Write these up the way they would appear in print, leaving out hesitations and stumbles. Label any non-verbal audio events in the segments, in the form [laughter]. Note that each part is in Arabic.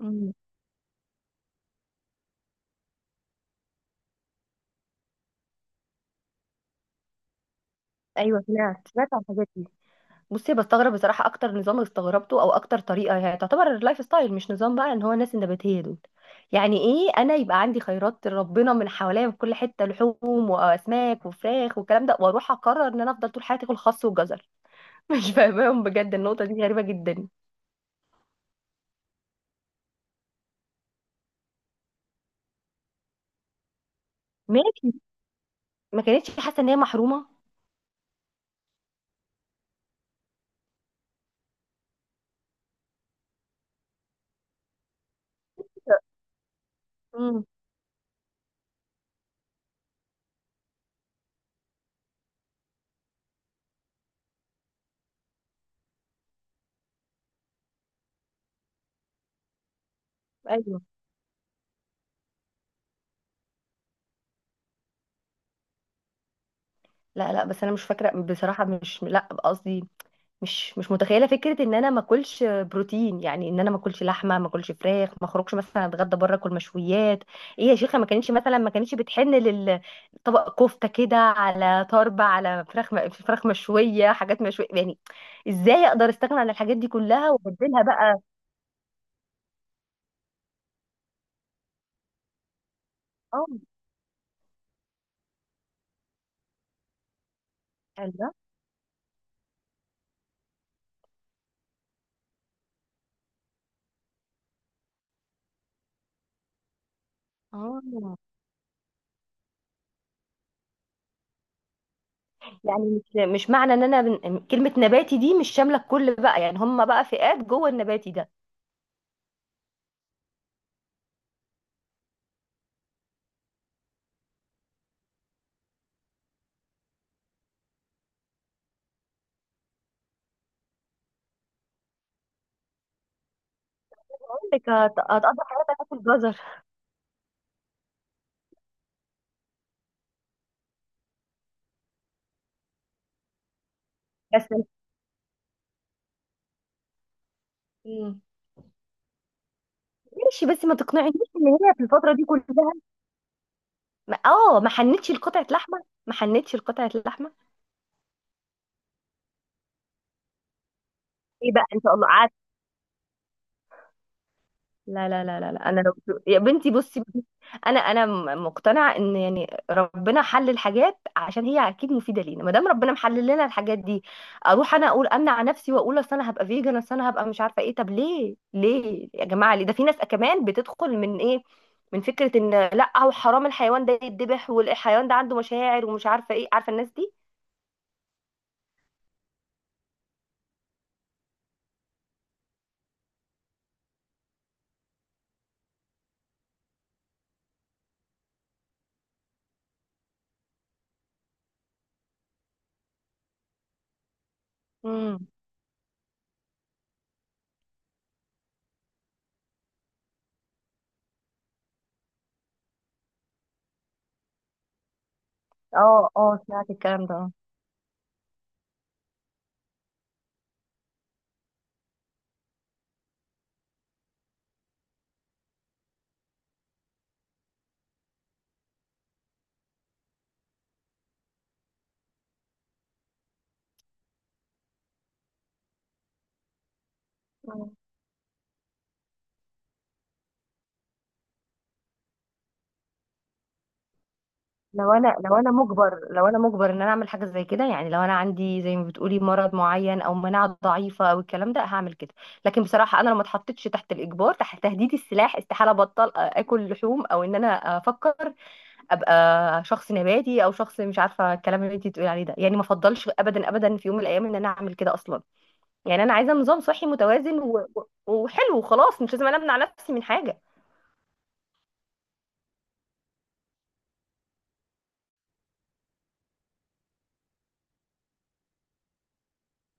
مم. ايوه، سمعت عن الحاجات دي. بصي بستغرب بصراحه، اكتر نظام استغربته او اكتر طريقه هي تعتبر اللايف ستايل مش نظام، بقى ان هو الناس النباتيه دول يعني ايه؟ انا يبقى عندي خيرات ربنا من حواليا من كل حته، لحوم واسماك وفراخ والكلام ده، واروح اقرر ان انا افضل طول حياتي اكل خس وجزر. [laughs] مش فاهماهم بجد، النقطه دي غريبه جدا. ماشي. ما كانتش حاسه ان هي محرومه؟ امم. ايوه. لا لا، بس انا مش فاكره بصراحه، مش لا قصدي مش متخيله فكره ان انا ما اكلش بروتين، يعني ان انا ما اكلش لحمه، ما اكلش فراخ، ما اخرجش مثلا اتغدى بره اكل مشويات. ايه يا شيخه، ما كانتش مثلا ما كانتش بتحن للطبق كفته كده على طربه على فراخ، فراخ مشويه، حاجات مشويه يعني. ازاي اقدر استغنى عن الحاجات دي كلها وابدلها بقى؟ اه. الله. اه. يعني مش، مش معنى ان انا كلمه نباتي دي مش شامله الكل بقى، يعني هم بقى فئات جوه النباتي ده. بقول لك هتقضي حياتك تاكل جزر. بس. مم. ماشي بس ما تقنعنيش ان هي في الفتره دي كلها ما حنتش لقطعه لحمه، ما حنتش لقطعه لحمه. ايه بقى ان شاء الله قعدت. لا لا لا لا لا، انا لو يا بنتي بصي، انا مقتنعه ان يعني ربنا حل الحاجات عشان هي اكيد مفيده لينا، ما دام ربنا محلل لنا الحاجات دي اروح انا اقول امنع نفسي واقول اصل انا هبقى فيجن، اصل انا هبقى مش عارفه ايه؟ طب ليه، ليه يا جماعه، ليه ده في ناس كمان بتدخل من ايه؟ من فكره ان لا هو حرام الحيوان ده يتذبح، والحيوان ده عنده مشاعر ومش عارفه ايه، عارفه الناس دي. امم. اه اه، سمعت الكلام ده اه. مم. لو انا لو انا مجبر لو انا مجبر ان انا اعمل حاجه زي كده، يعني لو انا عندي زي ما بتقولي مرض معين او مناعه ضعيفه او الكلام ده هعمل كده. لكن بصراحه انا لو ما اتحطيتش تحت الاجبار تحت تهديد السلاح، استحاله ابطل اكل لحوم، او ان انا افكر ابقى شخص نباتي او شخص مش عارفه الكلام اللي انت بتقولي عليه ده، يعني ما افضلش ابدا ابدا في يوم من الايام ان انا اعمل كده اصلا. يعني انا عايزه نظام صحي متوازن و... و- وحلو وخلاص، مش لازم انا امنع نفسي من حاجه.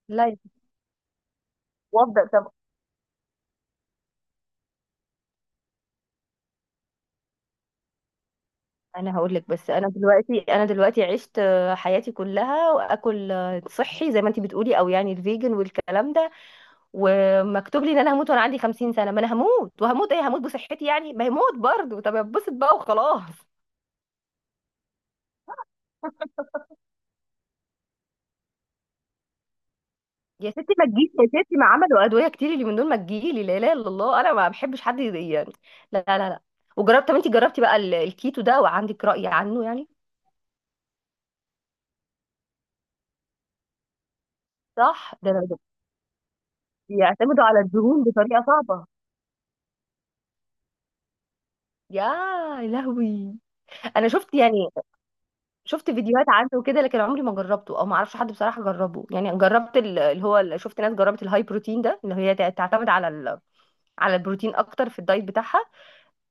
لا. وافضل طب. انا هقول لك، بس انا دلوقتي عشت حياتي كلها واكل صحي زي ما انت بتقولي، او يعني الفيجن والكلام ده، ومكتوب لي ان انا هموت وانا عندي 50 سنه، ما انا هموت. وهموت ايه؟ هموت بصحتي يعني؟ ما هموت برضه، طب اتبسط بقى وخلاص. يا ستي ما تجيش، يا ستي ما عملوا ادويه كتير اللي من دول، ما تجيلي لا اله الا الله، انا ما بحبش حد يضايقني يعني. لا لا لا. وجربت، طب انت جربتي بقى الكيتو ده وعندك راي عنه يعني؟ صح، بيعتمدوا على الدهون بطريقه صعبه. يا لهوي. انا شفت يعني، شفت فيديوهات عنه وكده، لكن عمري ما جربته، او ما اعرفش حد بصراحه جربه. يعني جربت اللي هو شفت ناس جربت الهاي بروتين ده اللي هي تعتمد على على البروتين اكتر في الدايت بتاعها.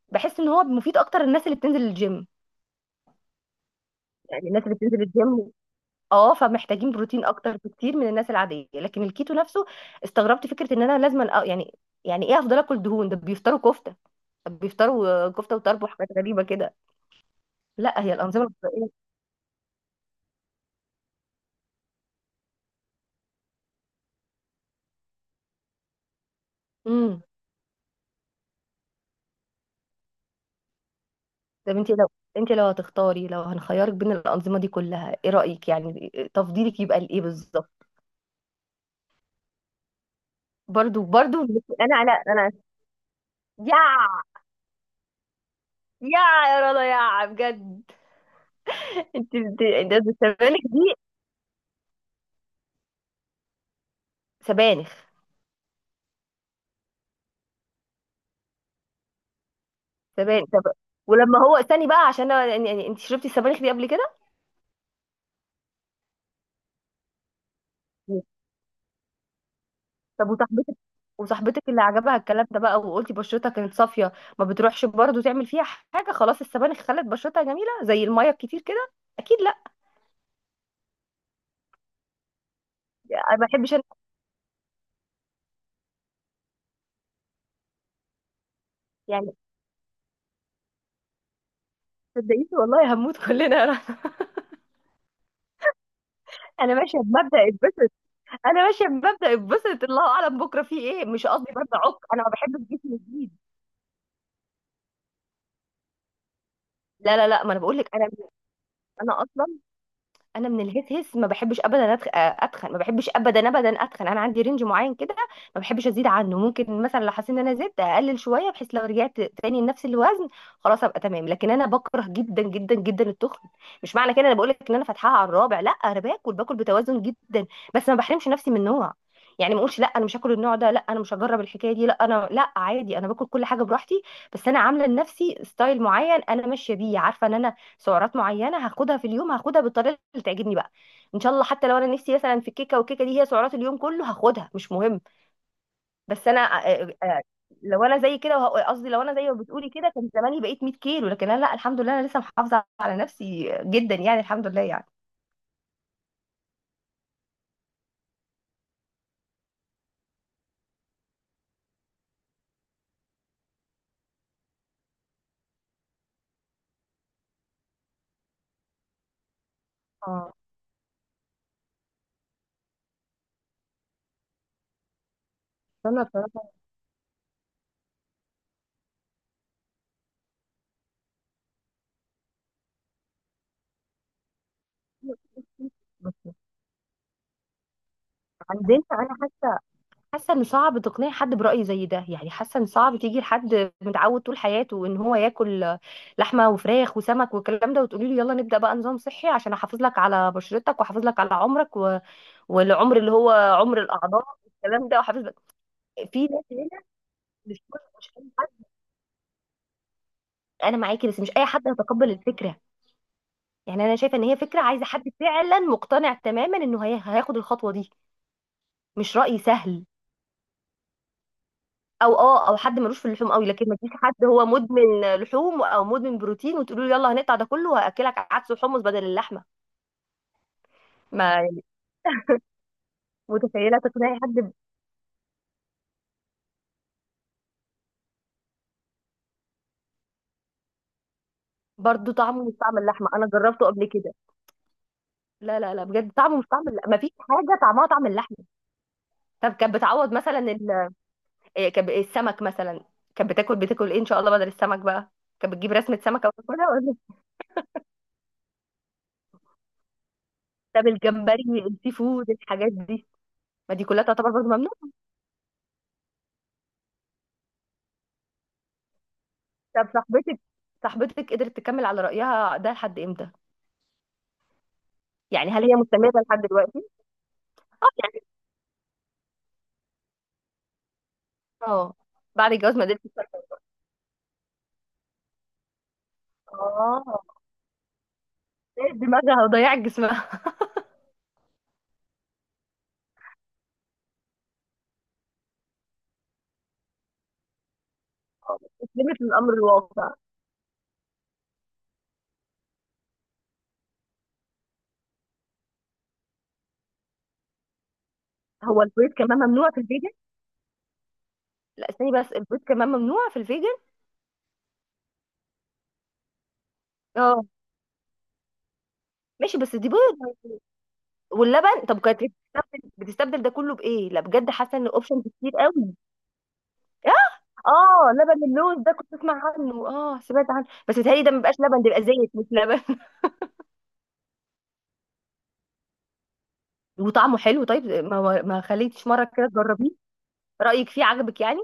بحس ان هو مفيد اكتر للناس اللي بتنزل الجيم، يعني الناس اللي بتنزل الجيم، اه، فمحتاجين بروتين اكتر بكتير من الناس العاديه. لكن الكيتو نفسه، استغربت فكره ان انا لازم يعني، يعني ايه افضل اكل دهون؟ ده بيفطروا كفته. طب بيفطروا كفته وطرب وحاجات غريبه كده. لا هي الانظمه الغذائيه. طب انت لو، انت لو هتختاري، لو هنخيرك بين الانظمه دي كلها، ايه رايك يعني؟ تفضيلك يبقى لايه بالظبط؟ برضو برضو. انا يا يا يا رضا يا بجد. [laughs] انت السبانخ دي سبانخ سبانخ. طب ولما هو، استني بقى عشان انا يعني، يعني انت شربتي السبانخ دي قبل كده؟ طب وصاحبتك، وصاحبتك اللي عجبها الكلام ده بقى وقلتي بشرتها كانت صافيه، ما بتروحش برضو تعمل فيها حاجه؟ خلاص السبانخ خلت بشرتها جميله زي الميه الكتير كده. اكيد لا. ما بحبش انا يعني. صدقيني والله هموت كلنا [laughs] يا رنا. انا ماشيه بمبدا اتبسط. انا ماشيه بمبدا اتبسط، الله اعلم بكره فيه ايه. مش قصدي برضه، عك انا ما بحبش جسمي جديد. لا لا لا ما انا بقول لك، انا، انا اصلا انا من الهس هس ما بحبش ابدا اتخن، ما بحبش ابدا ابدا اتخن. انا عندي رينج معين كده ما بحبش ازيد عنه. ممكن مثلا لو حسيت ان انا زدت اقلل شويه، بحيث لو رجعت تاني لنفس الوزن خلاص ابقى تمام. لكن انا بكره جدا جدا جدا التخن. مش معنى كده انا بقول لك ان انا فاتحاها على الرابع، لا، انا باكل بتوازن جدا، بس ما بحرمش نفسي من نوع. يعني ما اقولش لا انا مش هاكل النوع ده، لا انا مش هجرب الحكايه دي، لا انا لا، عادي انا باكل كل حاجه براحتي، بس انا عامله لنفسي ستايل معين انا ماشيه بيه. عارفه ان انا سعرات معينه هاخدها في اليوم، هاخدها بالطريقه اللي تعجبني بقى، ان شاء الله. حتى لو انا نفسي مثلا في الكيكه والكيكه دي هي سعرات اليوم كله، هاخدها مش مهم. بس انا لو انا زي كده قصدي لو انا زي ما بتقولي كده كان زماني بقيت 100 كيلو. لكن انا لا، الحمد لله انا لسه محافظه على نفسي جدا يعني، الحمد لله يعني. اه. انا بصراحه، بس عندنا انا حاسه ان صعب تقنعي حد برأي زي ده. يعني حاسه ان صعب تيجي لحد متعود طول حياته ان هو ياكل لحمه وفراخ وسمك والكلام ده وتقولي له يلا نبدأ بقى نظام صحي عشان احافظ لك على بشرتك، واحافظ لك على عمرك والعمر اللي هو عمر الاعضاء والكلام ده، واحافظ لك. في ناس هنا مش مش اي حد. انا معاكي، بس مش اي حد هيتقبل الفكره. يعني انا شايفه ان هي فكره عايزه حد فعلا مقتنع تماما انه هياخد الخطوه دي. مش رأي سهل. او اه، او حد ملوش في اللحوم قوي، لكن ما تجيش حد هو مدمن لحوم او مدمن بروتين وتقولوا له يلا هنقطع ده كله وهاكلك عدس وحمص بدل اللحمه. ما يعني متخيله تقنعي حد؟ برضه طعمه مش طعم اللحمه، انا جربته قبل كده. لا لا لا بجد، طعمه مش طعم اللحمه، ما فيش حاجه طعمها طعم اللحمه. طب كانت بتعوض مثلا إيه، السمك مثلا، كانت بتاكل ايه ان شاء الله بدل السمك بقى؟ كانت بتجيب رسمه سمكه وتاكلها ولا؟ طب الجمبري، السي فود، الحاجات دي؟ ما دي كلها تعتبر برضه ممنوع؟ طب صاحبتك، صاحبتك قدرت تكمل على رأيها ده لحد امتى؟ يعني هل هي مستمرة لحد دلوقتي؟ اه يعني. اه. بعد الجواز ما قدرتش تكمل. اه. إيه دماغها وضيعت جسمها. آه، استسلمت للأمر الواقع. هو البيض كمان ممنوع في الفيجن؟ لا استني بس، البيض كمان ممنوع في الفيجن؟ اه ماشي، بس دي بيض واللبن. طب كانت بتستبدل ده كله بإيه؟ لا بجد حاسة ان اوبشنز كتير قوي. اه لبن اللوز ده كنت اسمع عنه، اه سمعت عنه، بس بيتهيألي ده ما بيبقاش لبن، ده بيبقى زيت مش لبن. وطعمه حلو طيب؟ ما خليتش مرة كده تجربيه؟ رأيك فيه عجبك يعني؟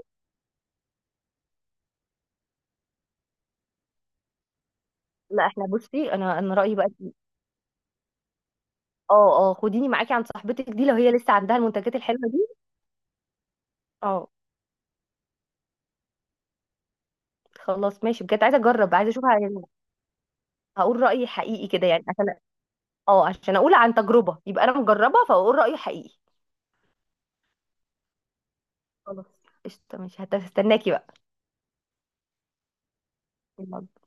لا احنا بصي، انا رأيي بقى. اه اه، خديني معاكي عند صاحبتك دي لو هي لسه عندها المنتجات الحلوة دي. اه خلاص ماشي، بجد عايزة اجرب، عايزة اشوفها يعني، هقول رأيي حقيقي كده يعني عشان، اه عشان اقول عن تجربة، يبقى انا مجربة فاقول رأيي حقيقي. خلاص قشطة ماشي، هستناكي بقى. يلا.